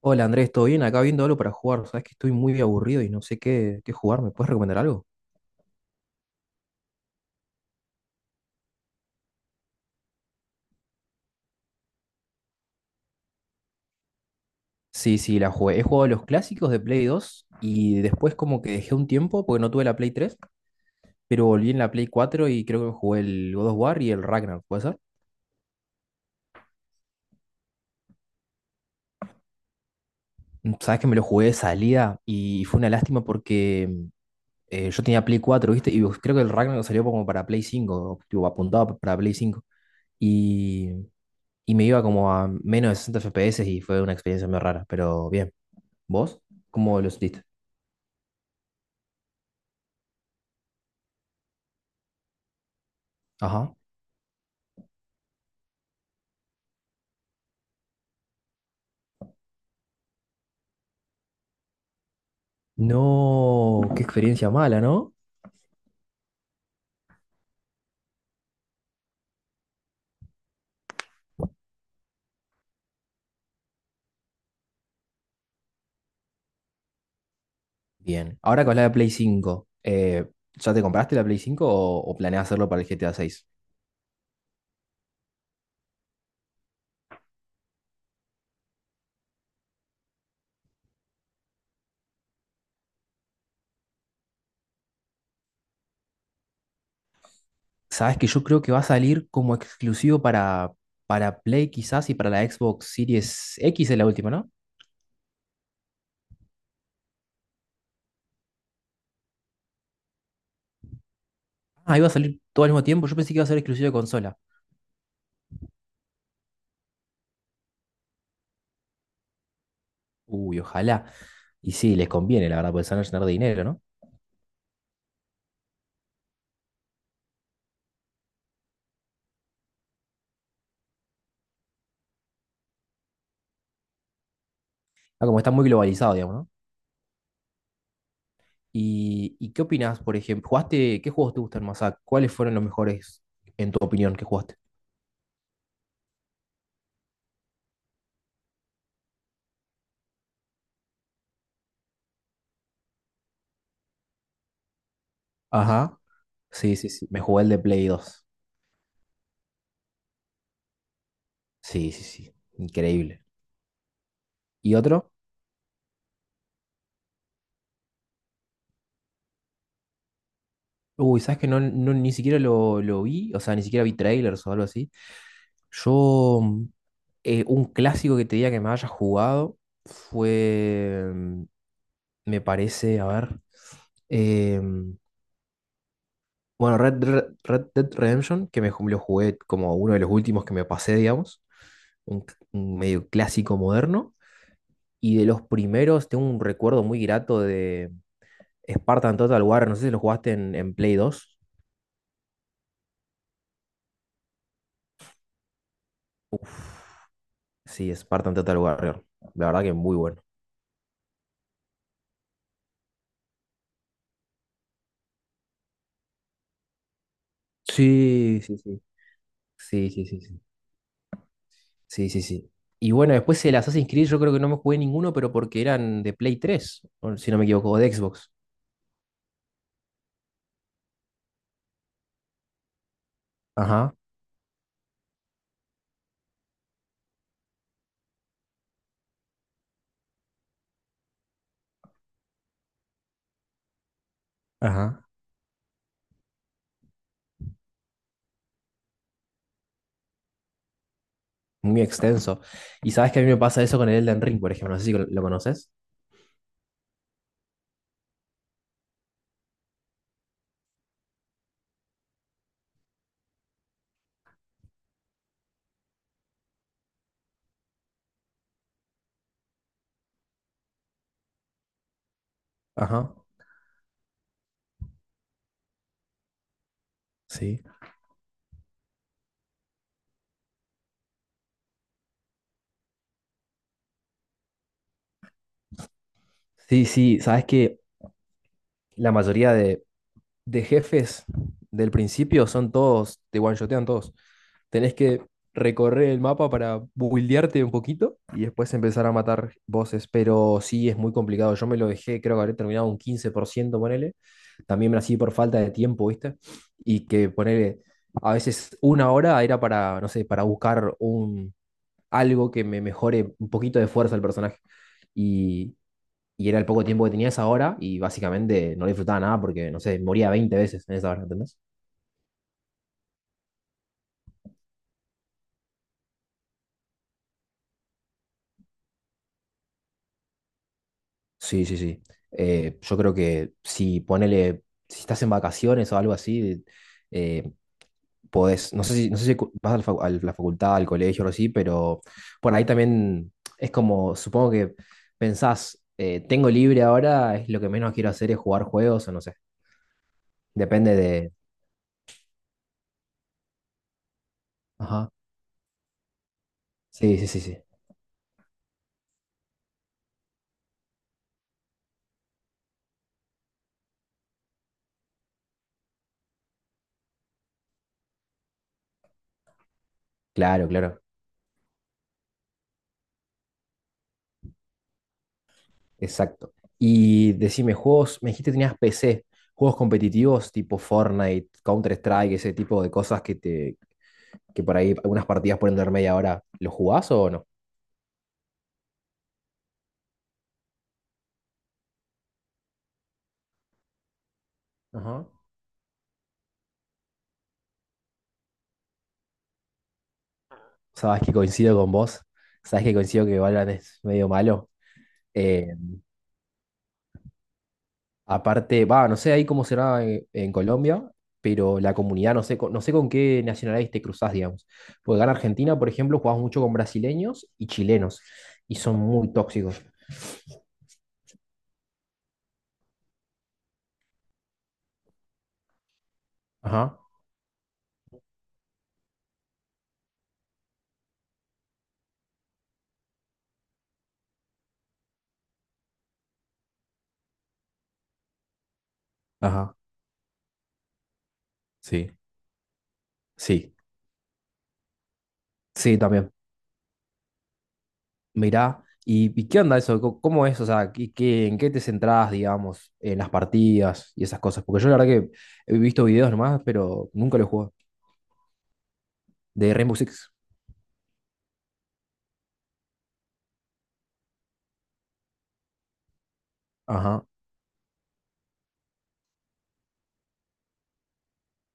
Hola Andrés, ¿todo bien? Acá viendo algo para jugar. Sabes que estoy muy aburrido y no sé qué jugar. ¿Me puedes recomendar algo? Sí, sí, la jugué. He jugado los clásicos de Play 2 y después como que dejé un tiempo porque no tuve la Play 3, pero volví en la Play 4 y creo que me jugué el God of War y el Ragnar, ¿puede ser? Sabes que me lo jugué de salida y fue una lástima porque yo tenía Play 4, ¿viste? Y creo que el Ragnar salió como para Play 5, tipo, apuntado para Play 5. Y, y me iba como a menos de 60 FPS y fue una experiencia muy rara, pero bien. ¿Vos? ¿Cómo lo sentiste? Ajá. No, qué experiencia mala, ¿no? Bien. Ahora con la de Play 5, ¿ya te compraste la Play 5 o planeas hacerlo para el GTA 6? Sabes que yo creo que va a salir como exclusivo para Play quizás, y para la Xbox Series X es la última, ¿no? Ah, iba a salir todo al mismo tiempo. Yo pensé que iba a ser exclusivo de consola. Uy, ojalá. Y sí, les conviene, la verdad, porque se van a llenar de dinero, ¿no? Ah, como está muy globalizado, digamos, ¿no? ¿Y qué opinás, por ejemplo? ¿Jugaste? ¿Qué juegos te gustan más? Ah, ¿cuáles fueron los mejores, en tu opinión, que jugaste? Ajá. Sí, sí, sí. Me jugué el de Play 2. Sí, sí, sí. Increíble. ¿Y otro? Uy, ¿sabes que ni siquiera lo vi? O sea, ni siquiera vi trailers o algo así. Yo, mm, un clásico que te diga que me haya jugado fue, me parece, a ver, em, bueno, Red Dead Redemption, que lo jugué como uno de los últimos que me pasé, digamos, un medio clásico moderno. Y de los primeros, tengo un recuerdo muy grato de Spartan Total Warrior. No sé si lo jugaste en Play 2. Uf, sí, Spartan Total Warrior. La verdad que muy bueno. Sí, sí, sí. Sí, sí, sí, sí. Sí, sí, sí. Y bueno, después el Assassin's Creed yo creo que no me jugué ninguno, pero porque eran de Play 3, o si no me equivoco, o de Xbox. Ajá, ajá. Muy extenso. Y sabes que a mí me pasa eso con el Elden Ring, por ejemplo. No sé si lo conoces. Ajá, sí. Sí, sí, sabes que la mayoría de jefes del principio son todos, te one-shotean todos. Tenés que recorrer el mapa para buildearte un poquito y después empezar a matar bosses, pero sí es muy complicado. Yo me lo dejé, creo que habré terminado un 15%, ponele. También me así por falta de tiempo, ¿viste? Y que ponele, a veces una hora era para, no sé, para buscar algo que me mejore un poquito de fuerza al personaje. Y, y era el poco tiempo que tenía esa hora y básicamente no le disfrutaba nada porque, no sé, moría 20 veces en esa hora, ¿entendés? Sí, sí, sí. Yo creo que si ponele, si estás en vacaciones o algo así, eh, podés, no sé si vas a la, a la facultad, al colegio o así, pero por ahí también es como, supongo que pensás, tengo libre ahora, es lo que menos quiero hacer es jugar juegos o no sé. Depende de... Ajá. Sí, sí, sí, sí. Claro, claro, exacto. Y decime, juegos, me dijiste que tenías PC, juegos competitivos tipo Fortnite, Counter-Strike, ese tipo de cosas que por ahí algunas partidas pueden durar media hora, ¿los jugás o no? Ajá. Sabes que coincido con vos, sabes que coincido que Valorant es medio malo. Eh, Aparte, va, no sé ahí cómo será en Colombia, pero la comunidad, no sé, no sé con qué nacionalidades te cruzás, digamos. Porque acá en Argentina, por ejemplo, jugás mucho con brasileños y chilenos, y son muy tóxicos. Ajá. Ajá, sí, sí. Sí, también. Mirá, ¿y qué onda eso? ¿Cómo es? O sea, en qué te centrás, digamos, en las partidas y esas cosas? Porque yo la verdad que he visto videos nomás, pero nunca lo he jugado. De Rainbow Six. Ajá.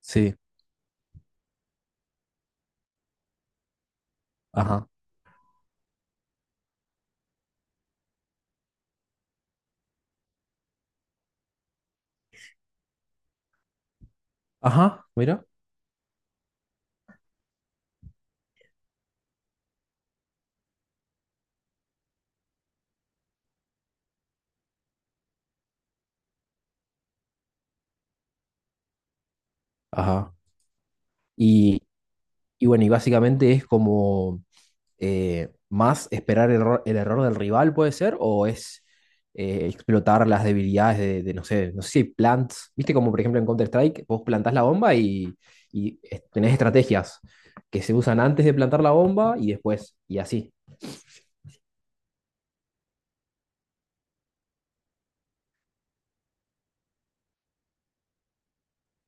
Sí. Ajá. Ajá. Mira. Ajá. Y, y bueno, y básicamente es como, más esperar el error del rival, puede ser, o es explotar las debilidades de no sé si hay plants, viste como por ejemplo en Counter-Strike, vos plantás la bomba y tenés estrategias que se usan antes de plantar la bomba y después, y así.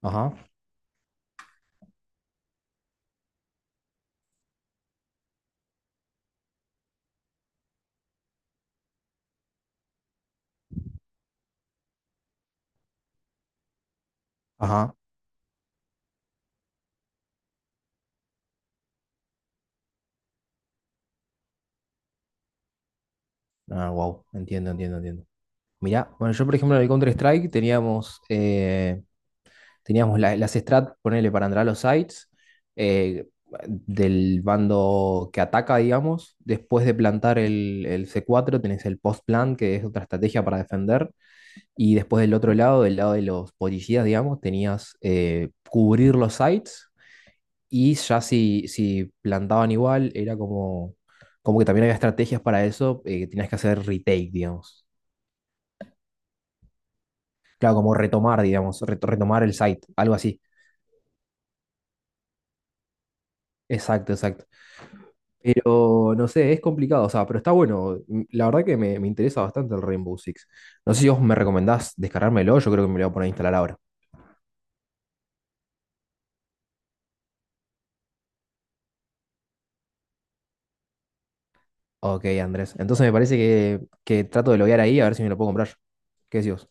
Ajá, ajá. Ah, wow, entiendo, entiendo, entiendo. Mirá, bueno, yo por ejemplo en el Counter-Strike teníamos las strat, ponele para entrar a los sites, eh, del bando que ataca, digamos. Después de plantar el C4 tenés el post-plant, que es otra estrategia para defender. Y después del otro lado, del lado de los policías, digamos, tenías cubrir los sites. Y ya si plantaban igual, era como que también había estrategias para eso, que tenías que hacer retake, digamos. Claro, como retomar, digamos, retomar el site, algo así. Exacto, exacto. Pero no sé, es complicado, o sea, pero está bueno. La verdad que me interesa bastante el Rainbow Six. No sé si vos me recomendás descargármelo, yo creo que me lo voy a poner a instalar ahora. Ok, Andrés. Entonces me parece que trato de loguear ahí a ver si me lo puedo comprar. ¿Qué decís vos?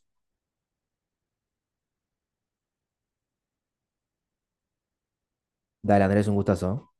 Dale, Andrés, un gustazo. ¿Eh?